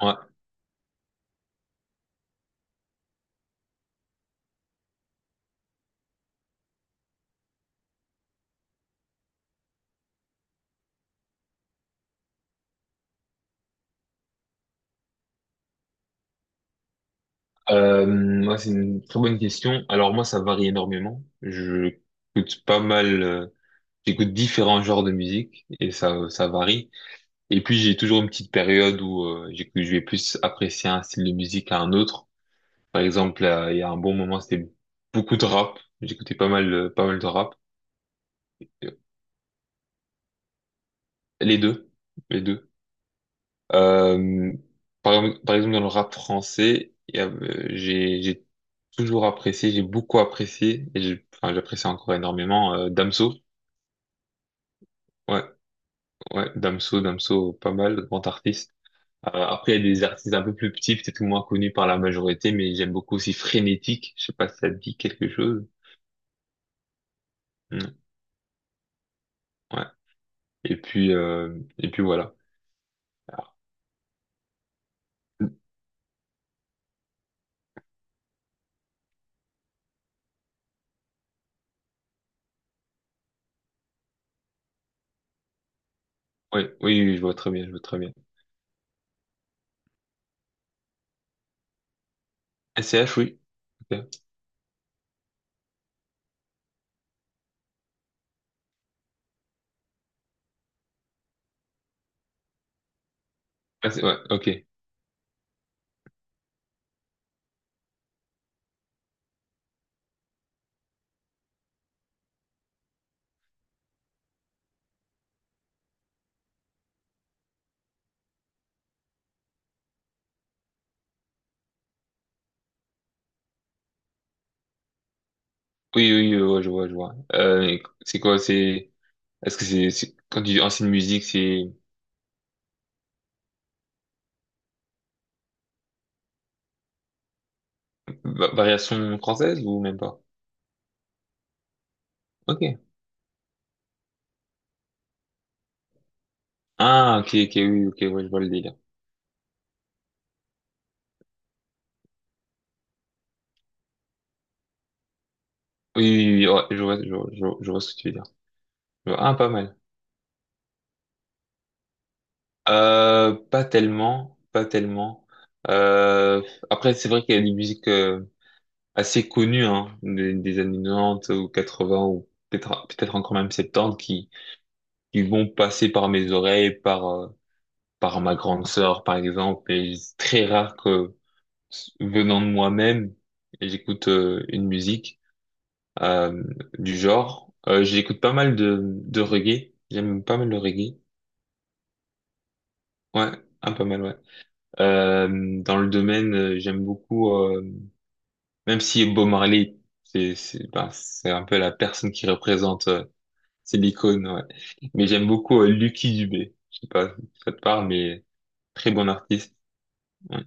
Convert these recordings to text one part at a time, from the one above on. Ouais. Moi, c'est une très bonne question. Alors moi, ça varie énormément. Je écoute pas mal, j'écoute différents genres de musique et ça varie. Et puis j'ai toujours une petite période où je vais plus apprécier un style de musique à un autre. Par exemple, il y a un bon moment, c'était beaucoup de rap. J'écoutais pas mal, pas mal de rap. Les deux, les deux. Euh, Par exemple, dans le rap français, j'ai toujours apprécié, j'ai beaucoup apprécié, enfin, j'apprécie encore énormément Damso. Ouais, ouais, Damso, Damso, pas mal, grand artiste. Après, il y a des artistes un peu plus petits, peut-être moins connus par la majorité, mais j'aime beaucoup aussi Frénétique. Je sais pas si ça te dit quelque chose. Mm, ouais. Et puis voilà. Alors, oui, oui, oui, je vois très bien, je vois très bien. SCH, oui. Ok. Ouais, ok. Oui, oui, ouais, je vois, je vois. Et c'est quoi, c'est, est-ce que c'est- quand tu dis ancienne musique, c'est variation française ou même pas? Ok. Ah, ok, ok, oui, ok, ouais, je vois le délire. Oui, oui, oui, ouais, je vois, je vois, je vois, je vois ce que tu veux dire. Je vois. Ah, pas mal. Pas tellement, pas tellement. Euh, Après, c'est vrai qu'il y a des musiques assez connues, hein, des années 90 ou 80 ou peut-être, peut-être encore même 70 qui vont passer par mes oreilles, par ma grande sœur, par exemple, mais c'est très rare que, venant de moi-même, j'écoute une musique euh, du genre. J'écoute pas mal de reggae, j'aime pas mal le reggae. Ouais, un pas mal, ouais. Dans le domaine, j'aime beaucoup, même si Bob Marley, c'est ben, c'est un peu la personne qui représente, c'est l'icône, ouais. Mais j'aime beaucoup Lucky Dubé. Je sais pas si ça te parle, mais très bon artiste. Ouais.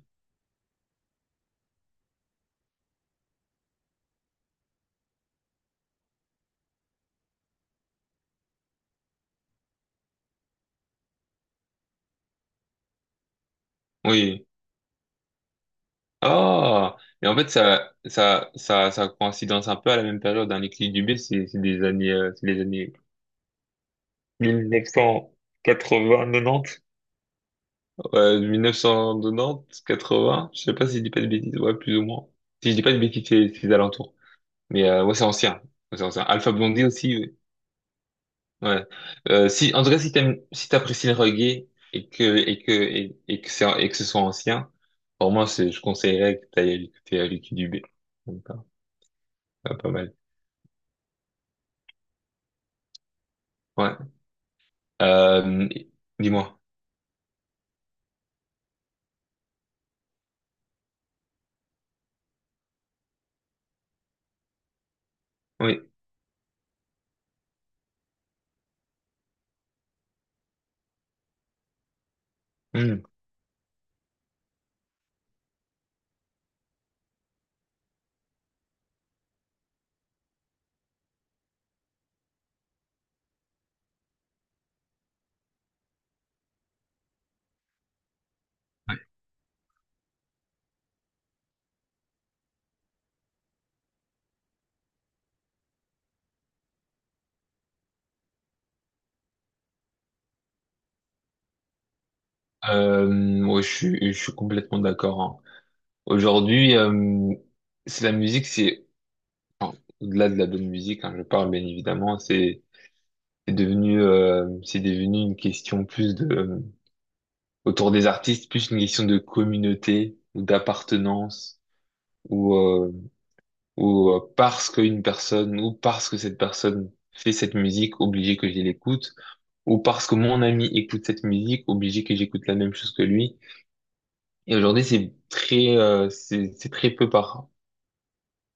Oui. Oh, mais en fait, ça coïncidence un peu à la même période. Hein. Les clips du B, c'est des années, c'est les années ouais, 1980, 90, quatre 80. Je sais pas si je dis pas de bêtises, ouais, plus ou moins. Si je dis pas de bêtises, c'est les alentours. Mais ouais, c'est ancien. Ouais, c'est ancien. Alpha Blondie aussi, ouais. Ouais. Si, en tout cas, si t'aimes, si t'apprécies le reggae et que ce soit ancien, pour moi, c'est, je conseillerais que t'ailles écouter les clips du B. Donc, pas mal. Ouais. Euh, Dis-moi. Oui. Hmm. Ouais. Ouais, je suis complètement d'accord, hein. Aujourd'hui, c'est la musique, enfin, au-delà de la bonne musique, hein, je parle bien évidemment, c'est devenu, c'est devenu une question plus de autour des artistes, plus une question de communauté ou d'appartenance ou parce qu'une personne ou parce que cette personne fait cette musique, obligé que je l'écoute ou parce que mon ami écoute cette musique, obligé que j'écoute la même chose que lui. Et aujourd'hui, c'est très, c'est très peu par.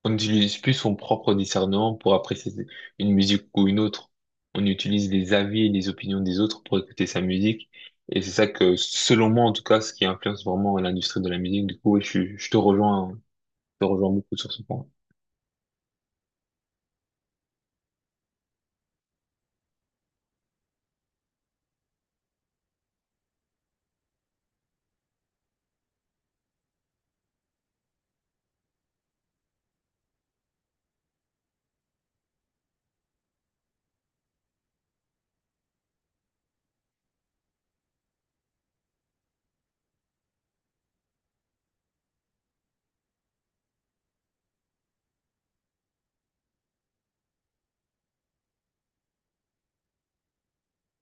On utilise plus son propre discernement pour apprécier une musique ou une autre. On utilise les avis et les opinions des autres pour écouter sa musique. Et c'est ça que, selon moi, en tout cas, ce qui influence vraiment l'industrie de la musique. Du coup, ouais, je te rejoins beaucoup sur ce point.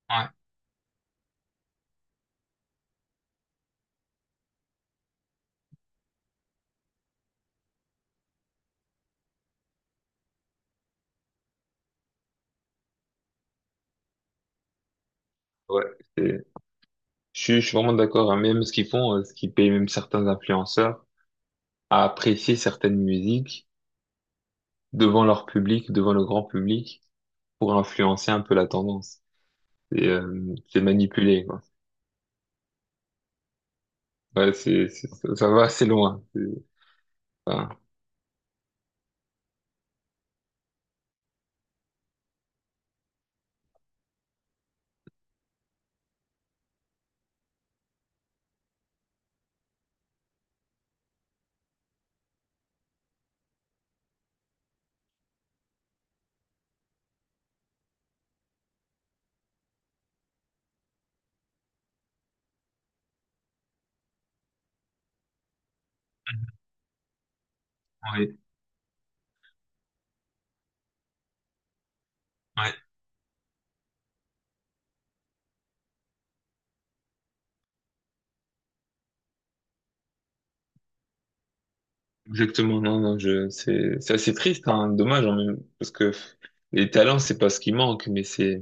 Ouais, ouais, c'est- je suis vraiment d'accord, hein. Même ce qu'ils font, ce qui paye même certains influenceurs à apprécier certaines musiques devant leur public, devant le grand public, pour influencer un peu la tendance. Et c'est manipulé, quoi. Ouais, ça va assez loin. Enfin, ouais, ouais, exactement. Non, non, je, c'est assez triste, hein, dommage, en même, parce que les talents, c'est pas ce qui manque, mais c'est,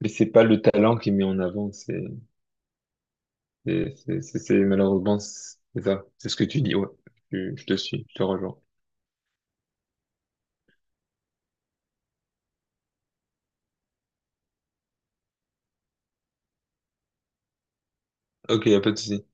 mais c'est pas le talent qui est mis en avant. Malheureusement, c'est ça. C'est ce que tu dis, ouais. Je te suis, je te rejoins. Ok, y a pas de souci.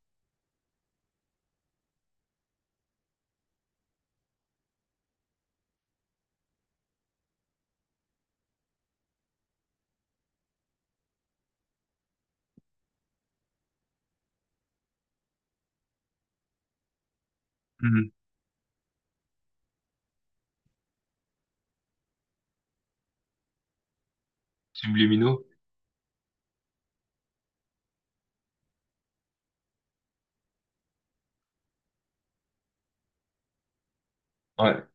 Mhm. Subliminaux? Ouais.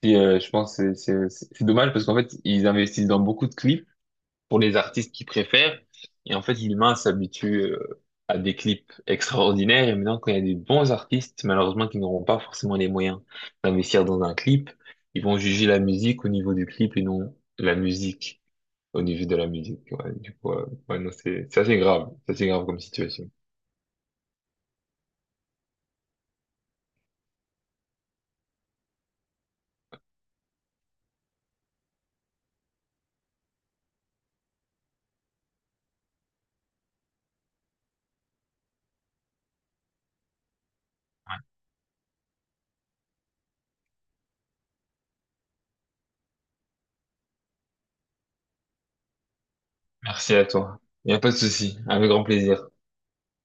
Je pense que dommage parce qu'en fait, ils investissent dans beaucoup de clips pour les artistes qu'ils préfèrent. Et en fait, l'humain s'habitue à des clips extraordinaires. Et maintenant, quand il y a des bons artistes, malheureusement, qui n'auront pas forcément les moyens d'investir dans un clip, ils vont juger la musique au niveau du clip et non la musique au niveau de la musique. Ouais, du coup, ouais, non, c'est assez grave. C'est assez grave comme situation. Merci à toi. Il n'y a pas de souci. Avec grand plaisir.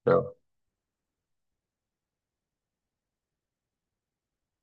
Ciao.